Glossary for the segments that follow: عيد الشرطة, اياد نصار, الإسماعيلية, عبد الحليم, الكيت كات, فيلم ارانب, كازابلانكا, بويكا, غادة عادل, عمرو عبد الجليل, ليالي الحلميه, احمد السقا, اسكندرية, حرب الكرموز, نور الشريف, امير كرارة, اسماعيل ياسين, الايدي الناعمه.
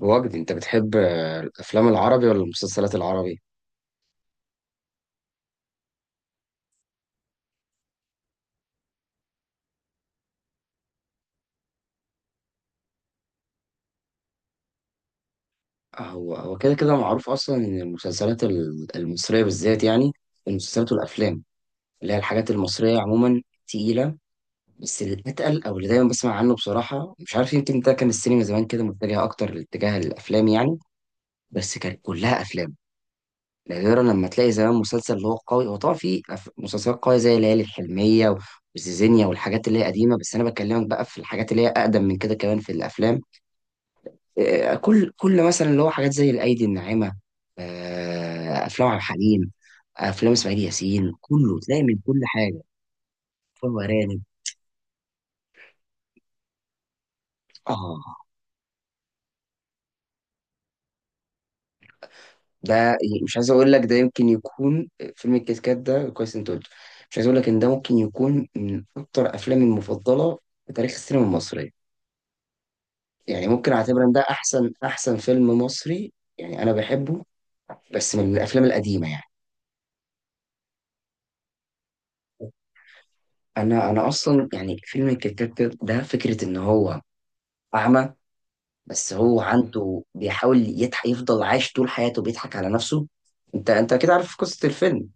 وجدي، انت بتحب الافلام العربي ولا المسلسلات العربي؟ هو كده كده معروف اصلا ان المسلسلات المصريه بالذات يعني. المسلسلات والافلام، اللي هي الحاجات المصريه عموما، تقيله. بس الاتقل، او اللي دايما بسمع عنه بصراحه، مش عارف، يمكن ده كان السينما زمان كده متجهه اكتر لاتجاه الافلام يعني. بس كانت كلها افلام. نادرا لما تلاقي زمان مسلسل اللي هو قوي. هو طبعا في مسلسلات قويه زي ليالي الحلميه وزيزينيا والحاجات اللي هي قديمه، بس انا بكلمك بقى في الحاجات اللي هي اقدم من كده كمان، في الافلام. كل مثلا اللي هو حاجات زي الايدي الناعمه. افلام عبد الحليم. افلام اسماعيل ياسين، كله تلاقي من كل حاجه. فيلم ارانب. اه، ده مش عايز اقول لك، ده يمكن يكون فيلم الكيت كات، ده كويس انت قلته. مش عايز اقول لك ان ده ممكن يكون من اكتر افلامي المفضله في تاريخ السينما المصريه. يعني ممكن اعتبر ان ده احسن احسن فيلم مصري. يعني انا بحبه، بس من الافلام القديمه يعني. انا اصلا يعني، فيلم الكيت كات ده، فكره ان هو اعمى، بس هو عنده بيحاول يضحك، يفضل عايش طول حياته بيضحك على نفسه. انت كده عارف قصة الفيلم؟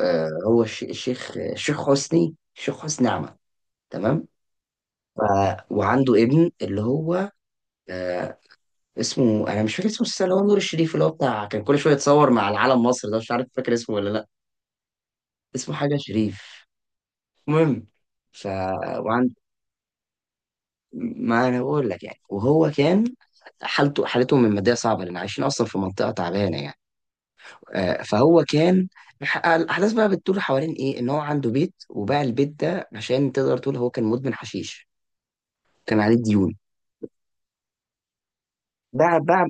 آه، هو الشيخ حسني، الشيخ حسني أعمى. تمام. ف... وعنده ابن اللي هو آه اسمه، انا مش فاكر اسمه السنة، اللي هو نور الشريف، اللي هو بتاع كان كل شوية يتصور مع العلم مصر، ده مش عارف فاكر اسمه ولا لا. اسمه حاجة شريف. المهم، ف وعند ما انا بقول لك يعني، وهو كان حالته، حالتهم المادية صعبة لان عايشين اصلا في منطقة تعبانة يعني. فهو كان الاحداث بقى بتدور حوالين ايه، ان هو عنده بيت وباع البيت ده، عشان تقدر تقول هو كان مدمن حشيش، كان عليه ديون. باع باع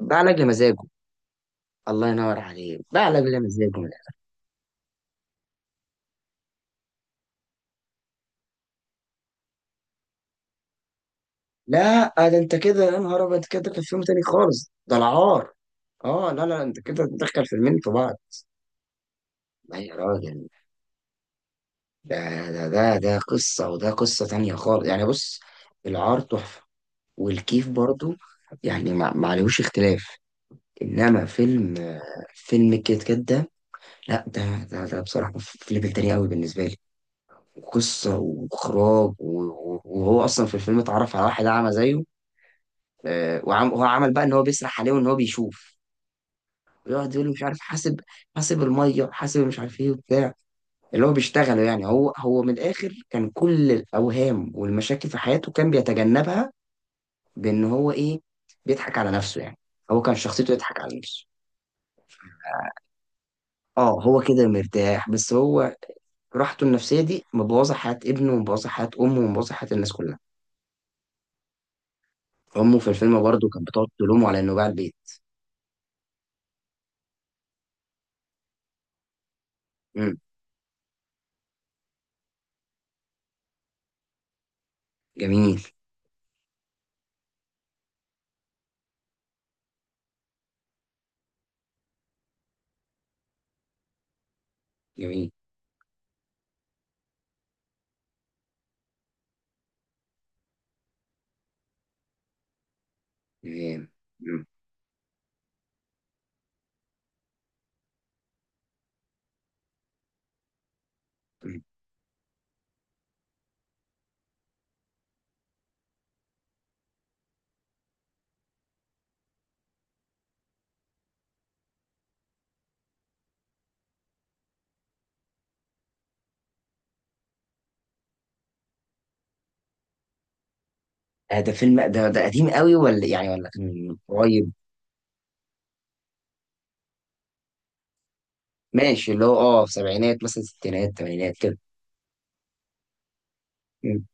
باع لاجل مزاجه. الله ينور عليه، باع لاجل مزاجه من الآخر. لا، ده انت كده يا نهار ابيض كده، في فيلم تاني خالص، ده العار. اه، لا، لا، انت كده تدخل فيلمين في بعض. لا يا راجل. ده ده قصة وده قصة تانية خالص يعني، بص. العار تحفة. والكيف برضو، يعني ما عليهوش اختلاف. انما فيلم الكيت كات ده، لا ده بصراحه في ليفل تاني قوي بالنسبه لي. قصه واخراج وهو اصلا في الفيلم اتعرف على واحد اعمى زيه. وعم هو عمل بقى ان هو بيسرح عليه وان هو بيشوف، ويقعد يقول له مش عارف حاسب. حاسب الميه، حاسب مش عارف ايه وبتاع اللي هو بيشتغله يعني. هو من الاخر كان كل الاوهام والمشاكل في حياته كان بيتجنبها، بان هو ايه، بيضحك على نفسه يعني. هو كان شخصيته يضحك على نفسه. اه، هو كده مرتاح، بس هو راحته النفسية دي مبوظة حياة ابنه، ومبوظة حياة أمه، ومبوظة حياة الناس كلها. أمه في الفيلم برضه كانت بتقعد تلومه على إنه باع البيت. مم. جميل، جميل، جميل. مم. مم. آه، ده فيلم ده قديم قوي، ولا يعني ولا كان من قريب؟ ماشي، اللي هو في سبعينات مثلا، ستينات، تمانينات كده. مم.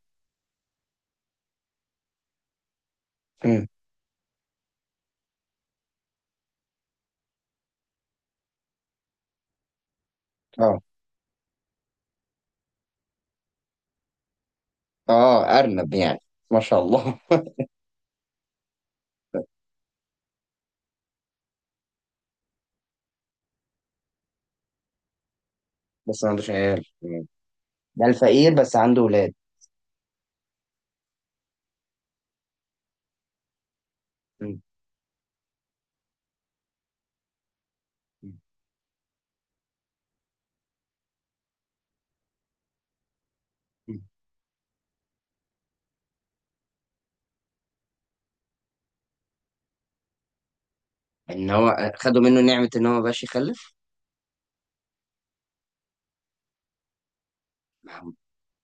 مم. اه، اه، أرنب يعني. ما شاء الله. بس ما عندوش عيال. مم. ده الفقير بس عنده ولاد. مم. مم. مم. ان هو خدوا منه نعمة ان هو ما بقاش يخلف. ما هو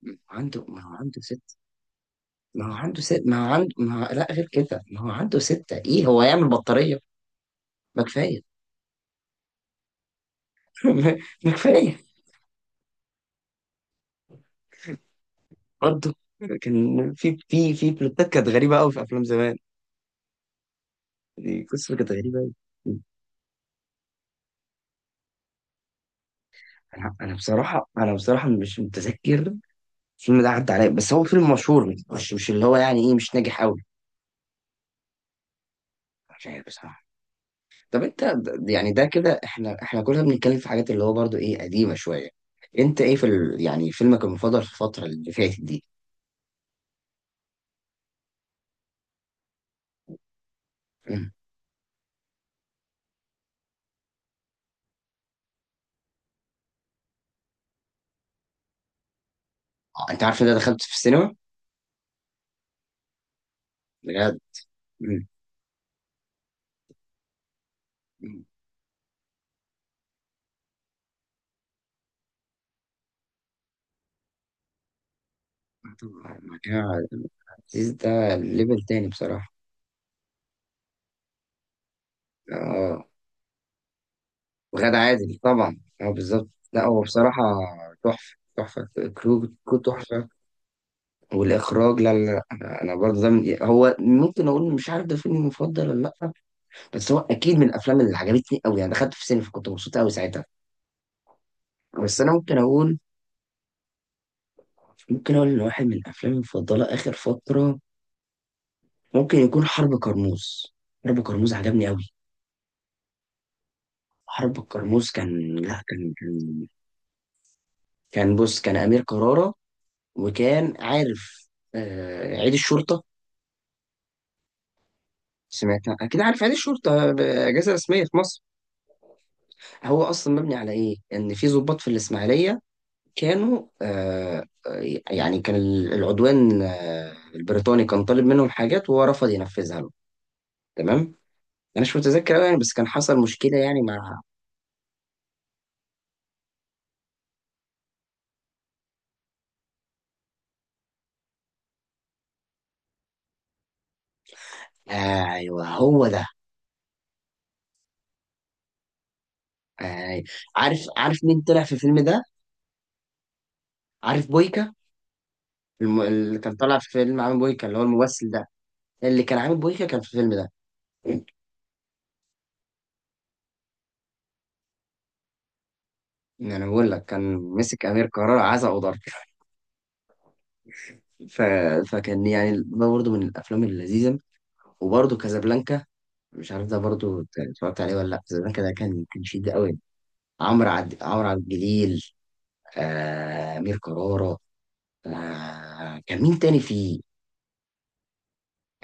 ما هو عنده ما هو عنده ست ما هو لا غير كده، ما هو عنده ستة ايه، هو يعمل بطارية؟ ما كفاية. ما كفاية. برضه كان في بلوتات كانت غريبة قوي في أفلام زمان. دي قصة كانت غريبة قوي. أنا بصراحة مش متذكر. الفيلم ده عدى عليا، بس هو فيلم مشهور، مش اللي هو يعني إيه مش ناجح قوي. مش عارف بصراحة. طب أنت يعني ده كده، إحنا كلنا بنتكلم في حاجات اللي هو برضه إيه قديمة شوية. أنت إيه في يعني فيلمك المفضل في الفترة اللي فاتت دي؟ انت عارف ان انا دخلت في السينما بجد. مم. مم. طبعا مع كده. عزيز ده ليفل تاني بصراحة. اه. وغادة عادل طبعا، اه بالظبط، لا هو بصراحة تحفة تحفة. كرو، كرو تحفة. والإخراج، لا، لا، لا، أنا برضه ده، من هو ممكن أقول مش عارف ده فيلمي المفضل ولا لأ، بس هو أكيد من الأفلام اللي عجبتني أوي، يعني دخلت في السينما فكنت مبسوط أوي ساعتها. بس أنا ممكن أقول إن واحد من الأفلام المفضلة آخر فترة ممكن يكون حرب كرموز. حرب كرموز عجبني أوي. حرب الكرموز كان، لا، كان كان، بص، كان أمير كرارة، وكان عارف عيد الشرطة. سمعت، أكيد عارف عيد الشرطة، أجازة رسمية في مصر. هو أصلا مبني على إيه؟ إن في ضباط في الإسماعيلية كانوا يعني كان العدوان البريطاني كان طالب منهم حاجات، وهو رفض ينفذها له. تمام؟ أنا مش متذكر أوي يعني، بس كان حصل مشكلة يعني مع. أيوه، هو ده. آه، عارف مين طلع في الفيلم ده؟ عارف بويكا؟ اللي كان طالع في فيلم عامل بويكا اللي هو الممثل ده، اللي كان عامل بويكا كان في الفيلم ده. يعني انا بقول لك كان مسك امير كرارة عزا وضرب. ف... فكان يعني ده برضه من الافلام اللذيذه. وبرضه كازابلانكا، مش عارف ده برضه اتفرجت عليه ولا لا. كازابلانكا ده كان شديد قوي. عمرو عبد الجليل، امير كرارة. كان مين تاني فيه؟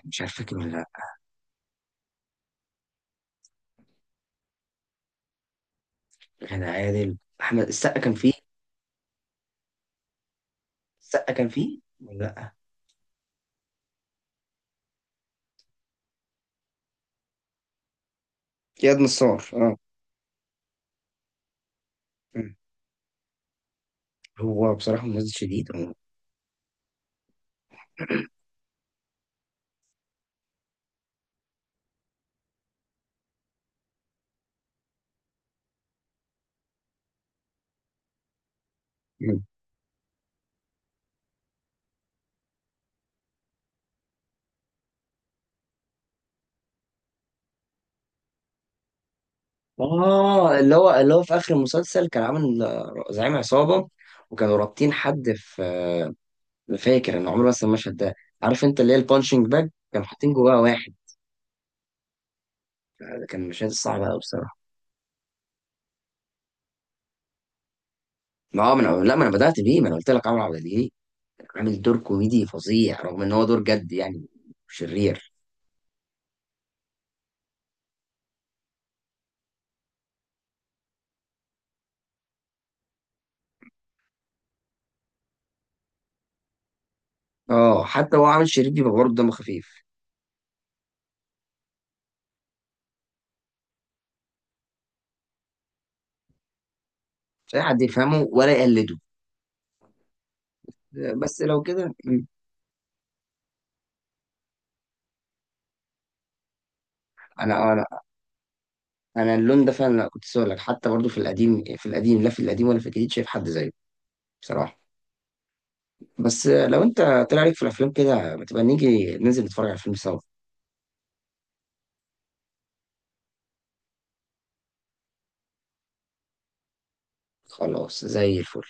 مش عارف فاكر ولا لا. غادة عادل، احمد السقا كان فيه؟ السقا كان فيه ولا لا؟ اياد نصار، اه. هو بصراحة ممثل شديد، اه. مم. اللي هو في اخر المسلسل كان عامل زعيم عصابة، وكانوا رابطين حد في فاكر انا عمري ما انسى المشهد ده. عارف انت، اللي هي البانشنج باج كانوا حاطين جواه واحد. كان المشهد صعب قوي بصراحة. ما هو من، لا ما انا بدأت بيه، ما انا قلت لك عمرو عبد الجليل، عامل دور كوميدي فظيع رغم ان هو دور جد يعني، شرير. اه، حتى هو عامل شرير بيبقى برضه دمه خفيف. مش اي حد يفهمه ولا يقلده. بس لو كده. مم. انا انا انا اللون ده فعلا كنت لسه اقول لك، حتى برضو في القديم، لا في القديم ولا في الجديد شايف حد زيه بصراحه. بس لو انت طلع عليك في الافلام كده، ما تبقى نيجي ننزل نتفرج على الفيلم سوا. خلاص، زي الفل.